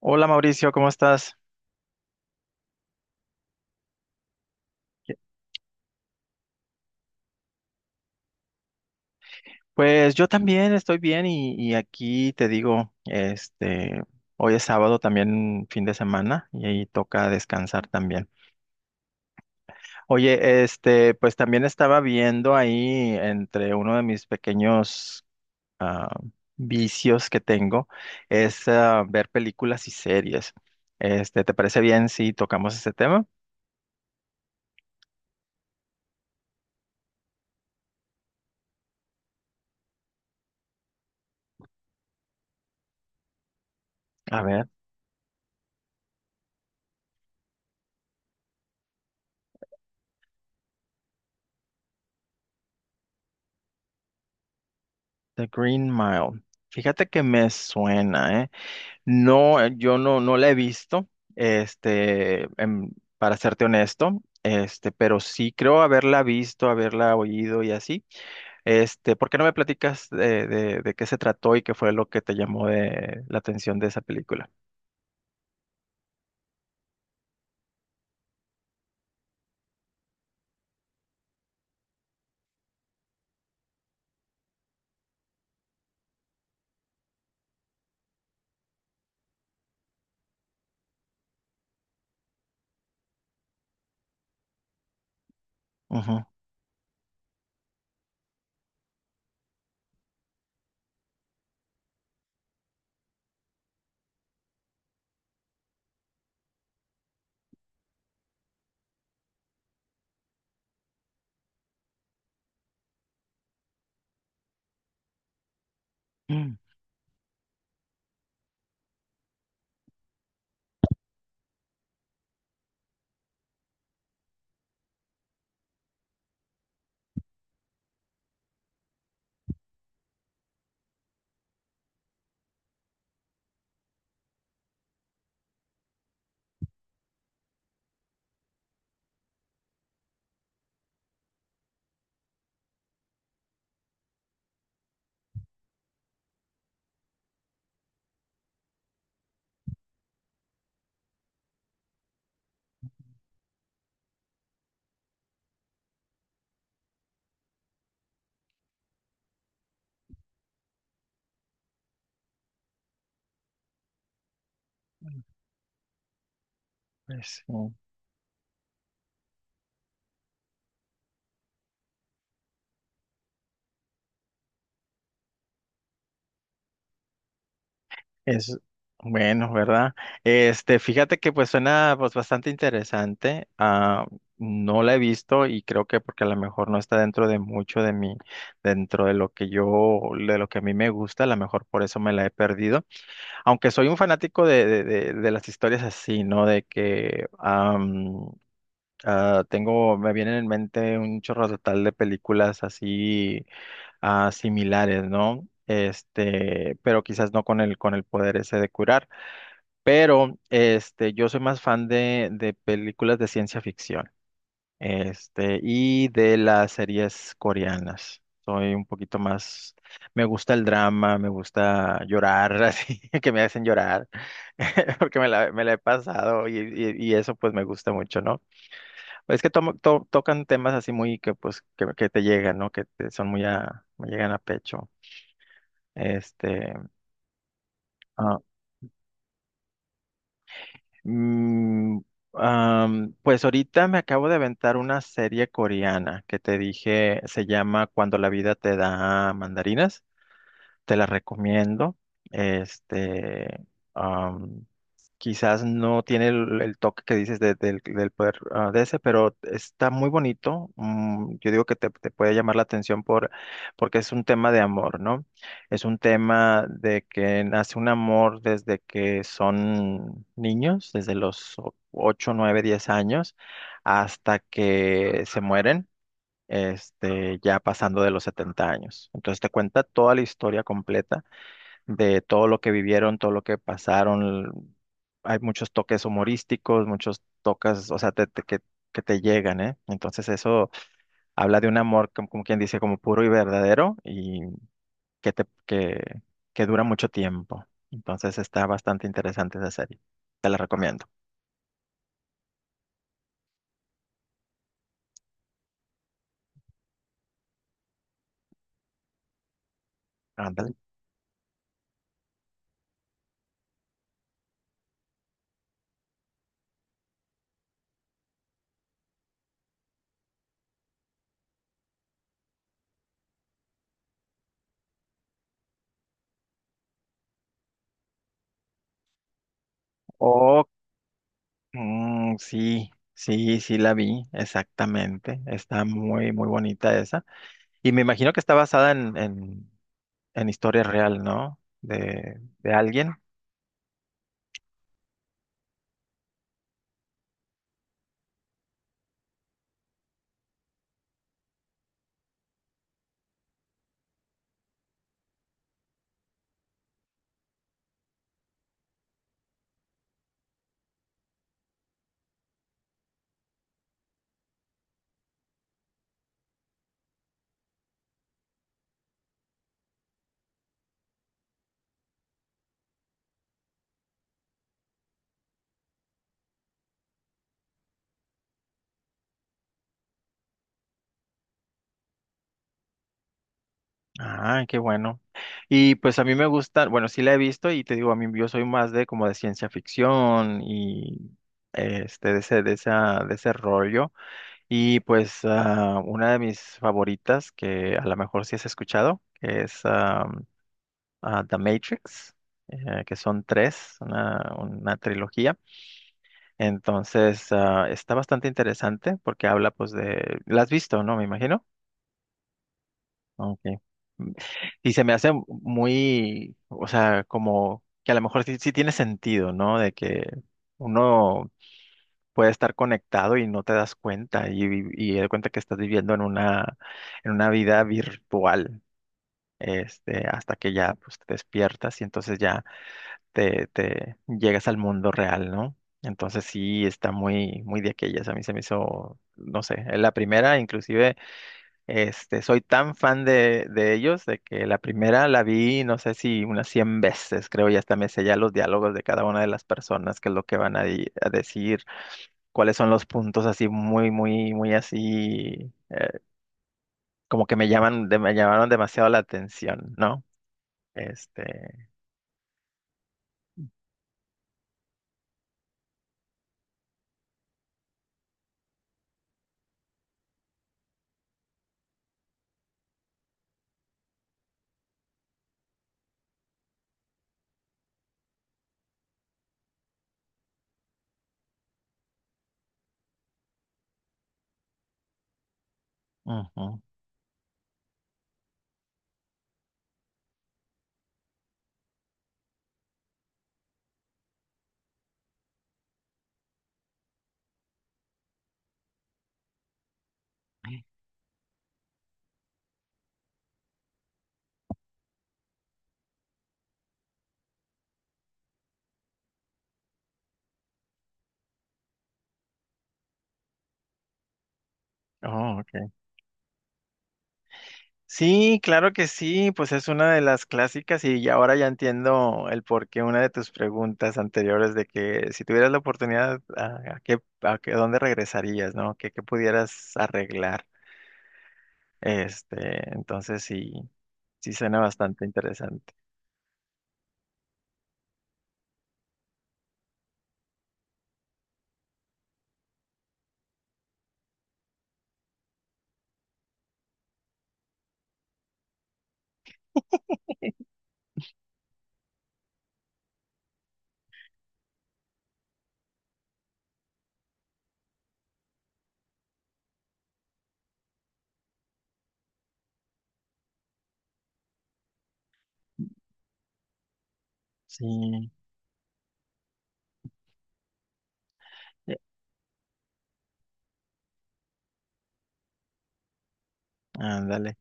Hola Mauricio, ¿cómo estás? Pues yo también estoy bien y aquí te digo, hoy es sábado, también fin de semana, y ahí toca descansar también. Oye, pues también estaba viendo ahí entre uno de mis pequeños ah, vicios que tengo es, ver películas y series. ¿Te parece bien si tocamos ese tema? A ver, The Green Mile. Fíjate que me suena, ¿eh? No, yo no la he visto, este, em, para serte honesto, este, pero sí creo haberla visto, haberla oído y así. ¿Por qué no me platicas de qué se trató y qué fue lo que te llamó de la atención de esa película? Ujú. Mm, pues, sí. Es bueno, ¿verdad? Fíjate que pues suena pues bastante interesante. No la he visto y creo que porque a lo mejor no está dentro de mucho de mí, dentro de lo que yo, de lo que a mí me gusta, a lo mejor por eso me la he perdido. Aunque soy un fanático de las historias así, ¿no? De que am, ah, tengo, me vienen en mente un chorro total de películas así, similares, ¿no? Este, pero quizás no con el con el poder ese de curar. Pero este, yo soy más fan de películas de ciencia ficción, este, y de las series coreanas. Soy un poquito más, me gusta el drama, me gusta llorar, así que me hacen llorar, porque me la he pasado y, y eso pues me gusta mucho, ¿no? Es que tocan temas así muy que pues que te llegan, ¿no? Son muy a, me llegan a pecho. Este, Mm, pues ahorita me acabo de aventar una serie coreana que te dije, se llama Cuando la vida te da mandarinas. Te la recomiendo. Este, Quizás no tiene el toque que dices del, del poder, de ese, pero está muy bonito. Yo digo que te puede llamar la atención por, porque es un tema de amor, ¿no? Es un tema de que nace un amor desde que son niños, desde los 8, 9, 10 años, hasta que se mueren, ya pasando de los 70 años. Entonces te cuenta toda la historia completa de todo lo que vivieron, todo lo que pasaron. Hay muchos toques humorísticos, muchos toques, o sea, que te llegan, ¿eh? Entonces eso habla de un amor, como, como quien dice, como puro y verdadero y que, te, que dura mucho tiempo. Entonces está bastante interesante esa serie. Te la recomiendo. Ándale. Oh, mm, sí, sí, sí la vi, exactamente. Está muy, muy bonita esa. Y me imagino que está basada en historia real, ¿no? De alguien. Ah, qué bueno. Y pues a mí me gusta, bueno, sí la he visto y te digo, a mí yo soy más de como de ciencia ficción y este, de ese, de esa, de ese rollo. Y pues, una de mis favoritas, que a lo mejor sí has escuchado, que es The Matrix, que son tres, una trilogía. Entonces, está bastante interesante porque habla pues de, la has visto, ¿no? Me imagino. Ok. Mm, y se me hace muy, o sea, como que a lo mejor sí, sí tiene sentido, ¿no? De que uno puede estar conectado y no te das cuenta y, y te das cuenta que estás viviendo en una vida virtual, hasta que ya pues, te despiertas y entonces ya te llegas al mundo real, ¿no? Entonces sí está muy, muy de aquellas. A mí se me hizo, no sé, la primera inclusive. Este, soy tan fan de ellos, de que la primera la vi, no sé si unas 100 veces, creo, y hasta me sé ya los diálogos de cada una de las personas, qué es lo que van a, a decir, cuáles son los puntos así muy, muy, muy así, como que me llaman, me llamaron demasiado la atención, ¿no? Este, ujú. Oh, ok. Sí, claro que sí, pues es una de las clásicas y ya ahora ya entiendo el porqué una de tus preguntas anteriores de que si tuvieras la oportunidad, a qué, dónde regresarías, ¿no? ¿Qué, qué pudieras arreglar? Este, entonces sí, sí suena bastante interesante. Sí, ya, ándale.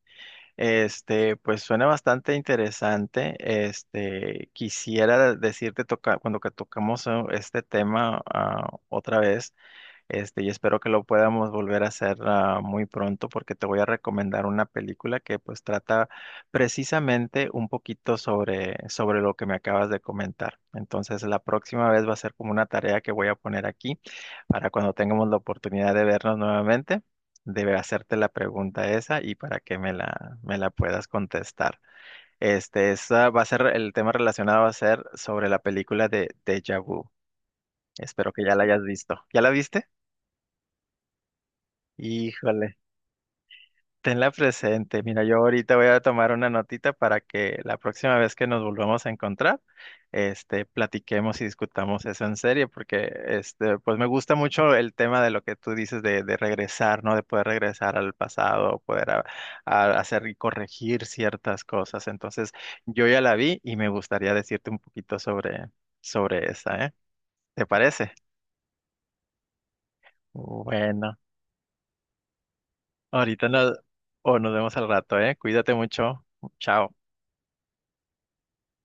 Este, pues suena bastante interesante. Este, quisiera decirte toca, cuando que tocamos, este tema, otra vez. Este, y espero que lo podamos volver a hacer, muy pronto, porque te voy a recomendar una película que pues trata precisamente un poquito sobre, sobre lo que me acabas de comentar. Entonces la próxima vez va a ser como una tarea que voy a poner aquí para cuando tengamos la oportunidad de vernos nuevamente, debe hacerte la pregunta esa y para que me la puedas contestar. Este, esa va a ser el tema relacionado va a ser sobre la película de Deja Vu. Espero que ya la hayas visto. ¿Ya la viste? Híjole. Tenla presente. Mira, yo ahorita voy a tomar una notita para que la próxima vez que nos volvamos a encontrar, platiquemos y discutamos eso en serio, porque este, pues me gusta mucho el tema de lo que tú dices de regresar, ¿no? De poder regresar al pasado, poder a hacer y corregir ciertas cosas. Entonces, yo ya la vi y me gustaría decirte un poquito sobre, sobre esa, ¿eh? ¿Te parece? Bueno, ahorita nos, o nos vemos al rato, ¿eh? Cuídate mucho. Chao.